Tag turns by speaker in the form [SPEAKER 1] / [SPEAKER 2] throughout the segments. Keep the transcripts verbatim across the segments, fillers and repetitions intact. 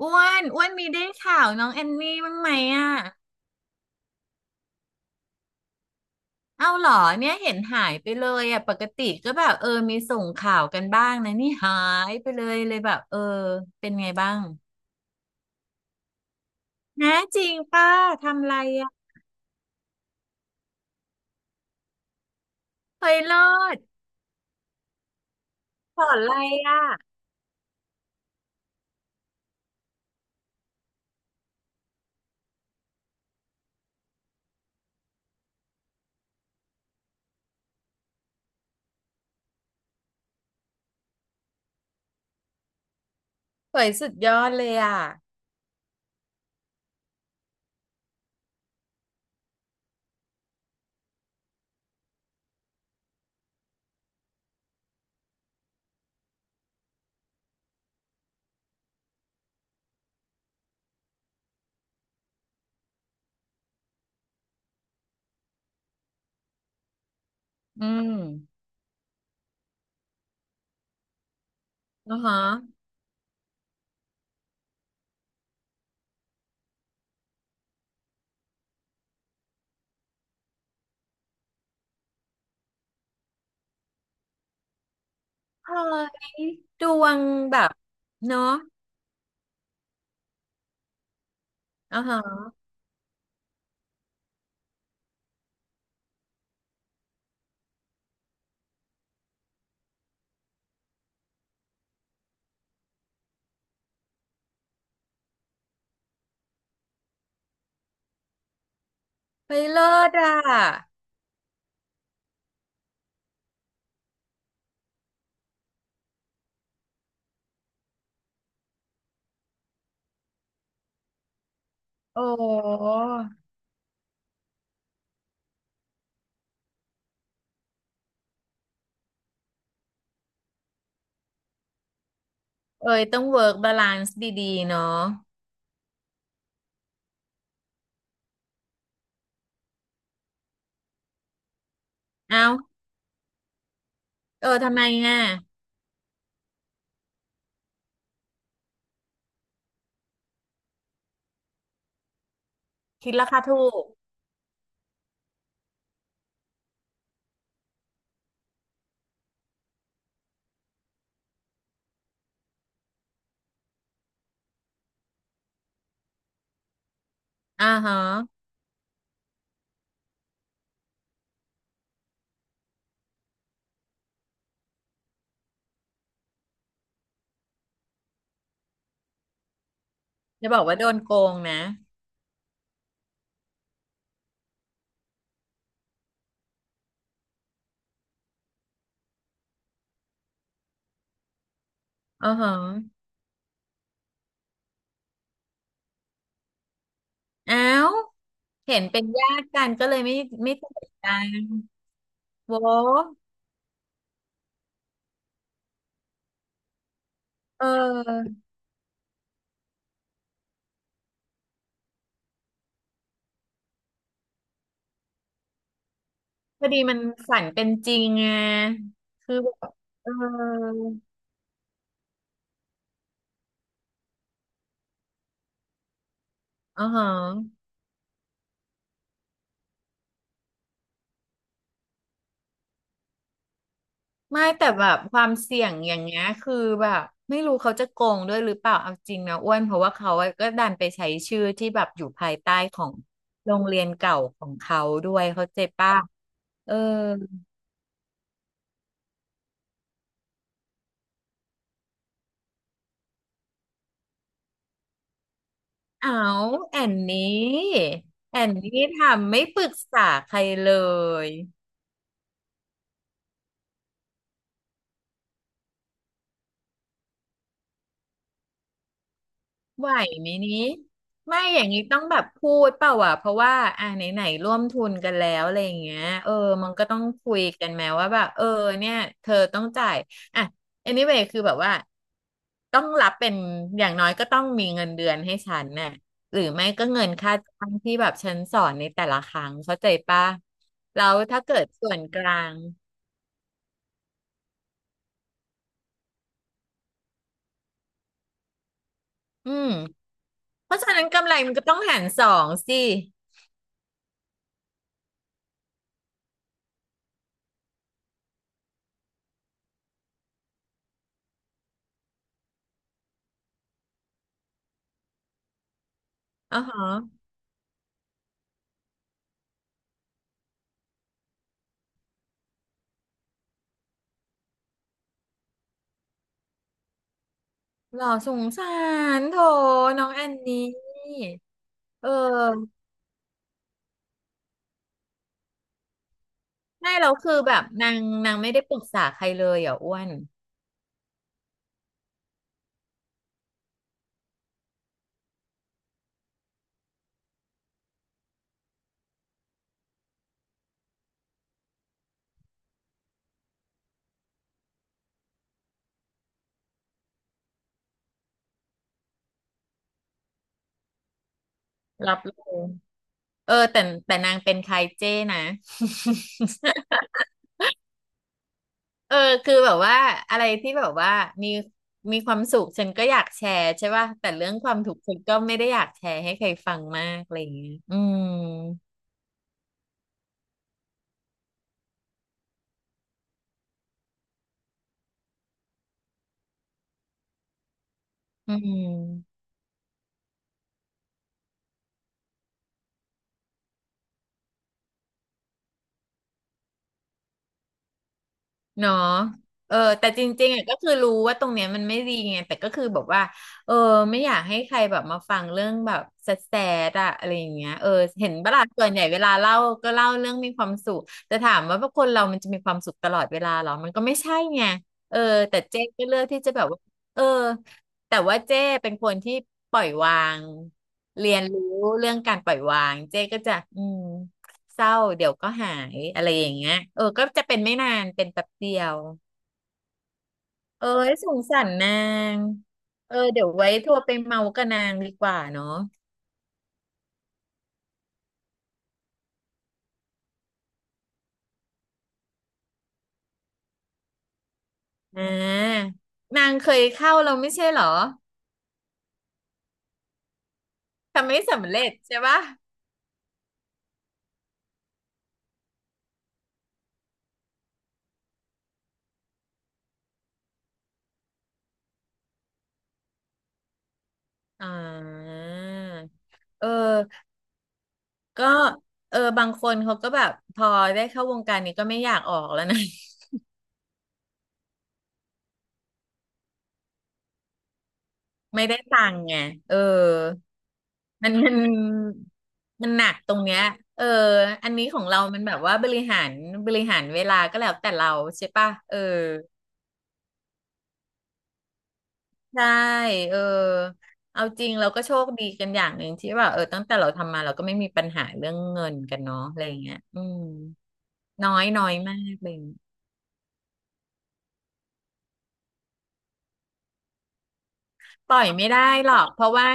[SPEAKER 1] อ้วนอ้วนมีได้ข่าวน้องแอนนี่บ้างไหมอ่ะเอาเหรอเนี่ยเห็นหายไปเลยอ่ะปกติก็แบบเออมีส่งข่าวกันบ้างนะนี่หายไปเลยเลยแบบเออเป็นไงบ้างนะจริงป้าทำอะไรอ่ะเฮ้ยเลิศสอนอะไรอ่ะเฮ้ยสุดยอดเลยอ่ะอืมอ๋อฮะเฮ้ยดวงแบบเนาะอ๋อฮะเฮ้ยเลิศอ่ะโอ้เอ้ยต้องเวิร์กบาลานซ์ดีๆเนาะเอา เออทำไมอ่ะคิดราคาถูกอ่าฮะจะบอกว่าโดนโกงนะอ่าฮะอ้าวเห็นเป็นญาติกันก็เลยไม่ไม่สนิทกันโว้เออพอดีมันฝันเป็นจริงไงคือแบบเอออ่าฮะไม่แต่แบบความเสี่ยงอย่างเงี้ยคือแบบไม่รู้เขาจะโกงด้วยหรือเปล่าเอาจริงนะอ้วนเพราะว่าเขาก็ดันไปใช้ชื่อที่แบบอยู่ภายใต้ของโรงเรียนเก่าของเขาด้วยเขาใจป้ะ เออเอาแอนนี้แอนนี้ทำไม่ปรึกษาใครเลยไหวไหมนี้ไม่อย่างนี้ต้องแบบพูดเปล่าวะเพราะว่าอ่าไหนไหนร่วมทุนกันแล้วอะไรอย่างเงี้ยเออมันก็ต้องคุยกันแม้ว่าแบบเออเนี่ยเธอต้องจ่ายอ่ะ anyway คือแบบว่าต้องรับเป็นอย่างน้อยก็ต้องมีเงินเดือนให้ฉันน่ะหรือไม่ก็เงินค่าจ้างที่แบบฉันสอนในแต่ละครั้งเข้าใจปะแล้วถ้าเกิดส่วนกลาง อืมเพราะฉะนั้นกำไรมันก็ต้องหารสองสิอ๋อฮะหล่อสงสารโถน้องแอนนี่เออใช่เราคือแบบนางนางไม่ได้ปรึกษาใครเลยอ่ะอ้วนรับรู้เออแต่แต่นางเป็นใครเจ้นะ เออคือแบบว่าอะไรที่แบบว่ามีมีความสุขฉันก็อยากแชร์ใช่ป่ะแต่เรื่องความทุกข์ฉันก็ไม่ได้อยากแชร์ให้ใครฟังมากอะไรอย่างเงี้ยอืมอืม เนาะเออแต่จริงๆอ่ะก็คือรู้ว่าตรงเนี้ยมันไม่ดีไงแต่ก็คือแบบว่าเออไม่อยากให้ใครแบบมาฟังเรื่องแบบแสดๆอะอะไรอย่างเงี้ยเออเห็นปะล่ะส่วนใหญ่เวลาเล่าก็เล่าเรื่องมีความสุขแต่ถามว่าพวกคนเรามันจะมีความสุขตลอดเวลาเหรอมันก็ไม่ใช่ไงเออแต่เจ๊ก็เลือกที่จะแบบว่าเออแต่ว่าเจ๊เป็นคนที่ปล่อยวางเรียนรู้เรื่องการปล่อยวางเจ๊ก็จะอืม เศร้าเดี๋ยวก็หายอะไรอย่างเงี้ยเออก็จะเป็นไม่นานเป็นแป๊บเดียวเออสงสารนางเออเดี๋ยวไว้โทรไปเมากับนางดีกว่าเนาะอ่านางเคยเข้าเราไม่ใช่เหรอทำไม่สำเร็จใช่ปะอ่าเออก็เออบางคนเขาก็แบบพอได้เข้าวงการนี้ก็ไม่อยากออกแล้วนะ ไม่ได้ตังค์ไงเออ มันมันมันหนักตรงเนี้ยเอออันนี้ของเรามันแบบว่าบริหารบริหารเวลาก็แล้วแต่เราใช่ป่ะเออ ใช่ เออ เอาจริงเราก็โชคดีกันอย่างหนึ่งที่ว่าเออตั้งแต่เราทำมาเราก็ไม่มีปัญหาเรื่องเงินกันเนาะอะไรอย่างเงี้ยอืมน้อยน้อยมากเลย ปล่อยไม่ได้หรอกเพราะว่า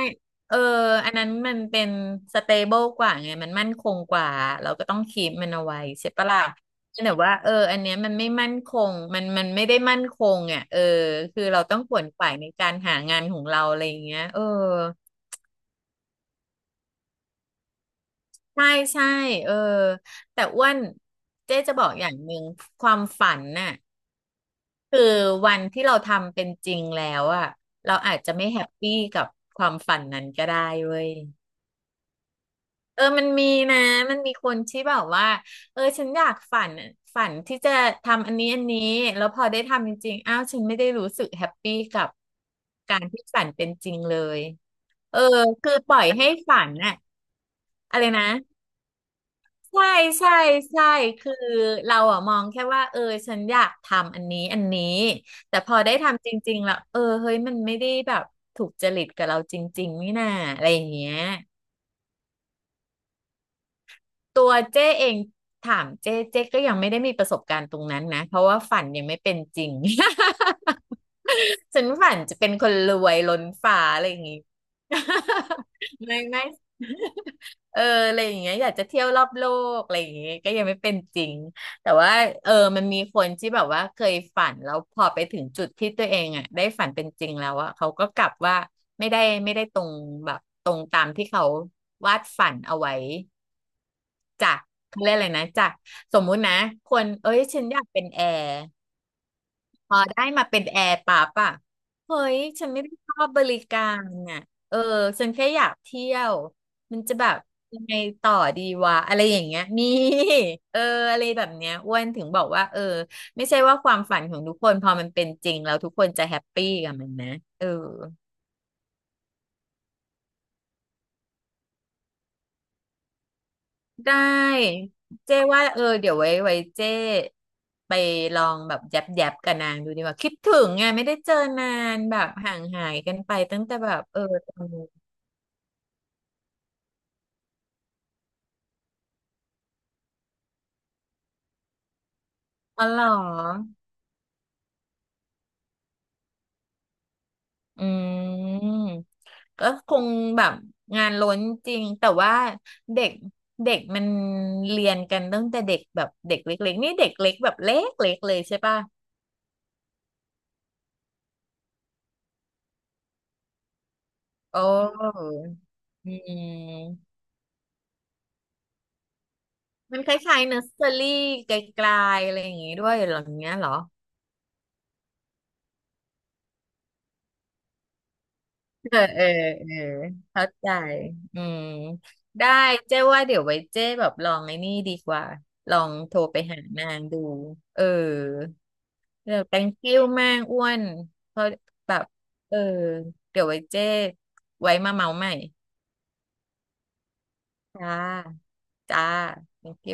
[SPEAKER 1] เอออันนั้นมันเป็นสเตเบิลกว่าไงมันมั่นคงกว่าเราก็ต้องคีปมันเอาไว้ใช่ปะล่ะแต่ว่าเอออันเนี้ยมันไม่มั่นคงมันมันไม่ได้มั่นคงอ่ะเออคือเราต้องขวนขวายในการหางานของเราอะไรอย่างเงี้ยเออใช่ใช่เออแต่อ้วนเจ๊จะบอกอย่างหนึ่งความฝันน่ะคือวันที่เราทำเป็นจริงแล้วอ่ะเราอาจจะไม่แฮปปี้กับความฝันนั้นก็ได้เว้ย เออมันมีนะมันมีคนที่แบบว่าเออฉันอยากฝันฝันที่จะทำอันนี้อันนี้แล้วพอได้ทำจริงๆอ้าวฉันไม่ได้รู้สึกแฮปปี้กับการที่ฝันเป็นจริงเลยเออคือปล่อยให้ฝันน่ะอะไรนะใช่ใช่ใช่คือเราอะมองแค่ว่าเออฉันอยากทำอันนี้อันนี้แต่พอได้ทำจริงๆแล้วเออเฮ้ยมันไม่ได้แบบถูกจริตกับเราจริงๆนี่นาอะไรอย่างเงี้ย ตัวเจ้เองถามเจ้เจ้ก็ยังไม่ได้มีประสบการณ์ตรงนั้นนะเพราะว่าฝันยังไม่เป็นจริง ฉันฝันจะเป็นคนรวยล้นฟ้าอะไรอย่างงี้ ไม่ไม่เอออะไรอย่างเงี้ยอยากจะเที่ยวรอบโลกอะไรอย่างเงี้ยก็ยังไม่เป็นจริงแต่ว่าเออมันมีคนที่แบบว่าเคยฝันแล้วพอไปถึงจุดที่ตัวเองอ่ะได้ฝันเป็นจริงแล้วอ่ะเขาก็กลับว่าไม่ได้ไม่ได้ตรงแบบตรงตามที่เขาวาดฝันเอาไว้ จากเขาเรียกอะไรนะจากสมมุตินะคนเอ้ยฉันอยากเป็นแอร์พอได้มาเป็นแอร์ปั๊บอะเฮ้ยฉันไม่ได้ชอบบริการน่ะเออฉันแค่อยากเที่ยวมันจะแบบยังไงต่อดีวะอะไรอย่างเงี้ยมี เอออะไรแบบเนี้ยอ้วนถึงบอกว่าเออไม่ใช่ว่าความฝันของทุกคนพอมันเป็นจริงแล้วทุกคนจะแฮปปี้กับมันนะเออ ได้เจ้ว่าเออเดี๋ยวไว้ไว้เจ้ไปลองแบบแยบแยบกับนางดูดีกว่าคิดถึงไงไม่ได้เจอนานแบบห่างหายกันไปตั้งแต่แบบเออตอนนี้อ๋อเหรออืมก็คงแบบงานล้นจริงแต่ว่าเด็กเด็กมันเรียนกันตั้งแต่เด็กแบบเด็กเล็กๆนี่เด็กเล็กแบบเล็กๆเลยใช่ป่ะโอ้อืม มันคล้ายๆเนอร์เซอรี่ไกลๆอะไรอย่างงี้ด้วยเหรออย่างเงี้ยเหรอเออเออเออเข้าใจอืมได้เจ๊ว่าเดี๋ยวไว้เจ๊แบบลองไอ้นี่ดีกว่าลองโทรไปหานางดูเออเดี๋ยว thank you มากอ้วนเพราะแบบเออเดี๋ยวไว้เจ๊ไว้มาเมาใหม่จ้าจ้า thank you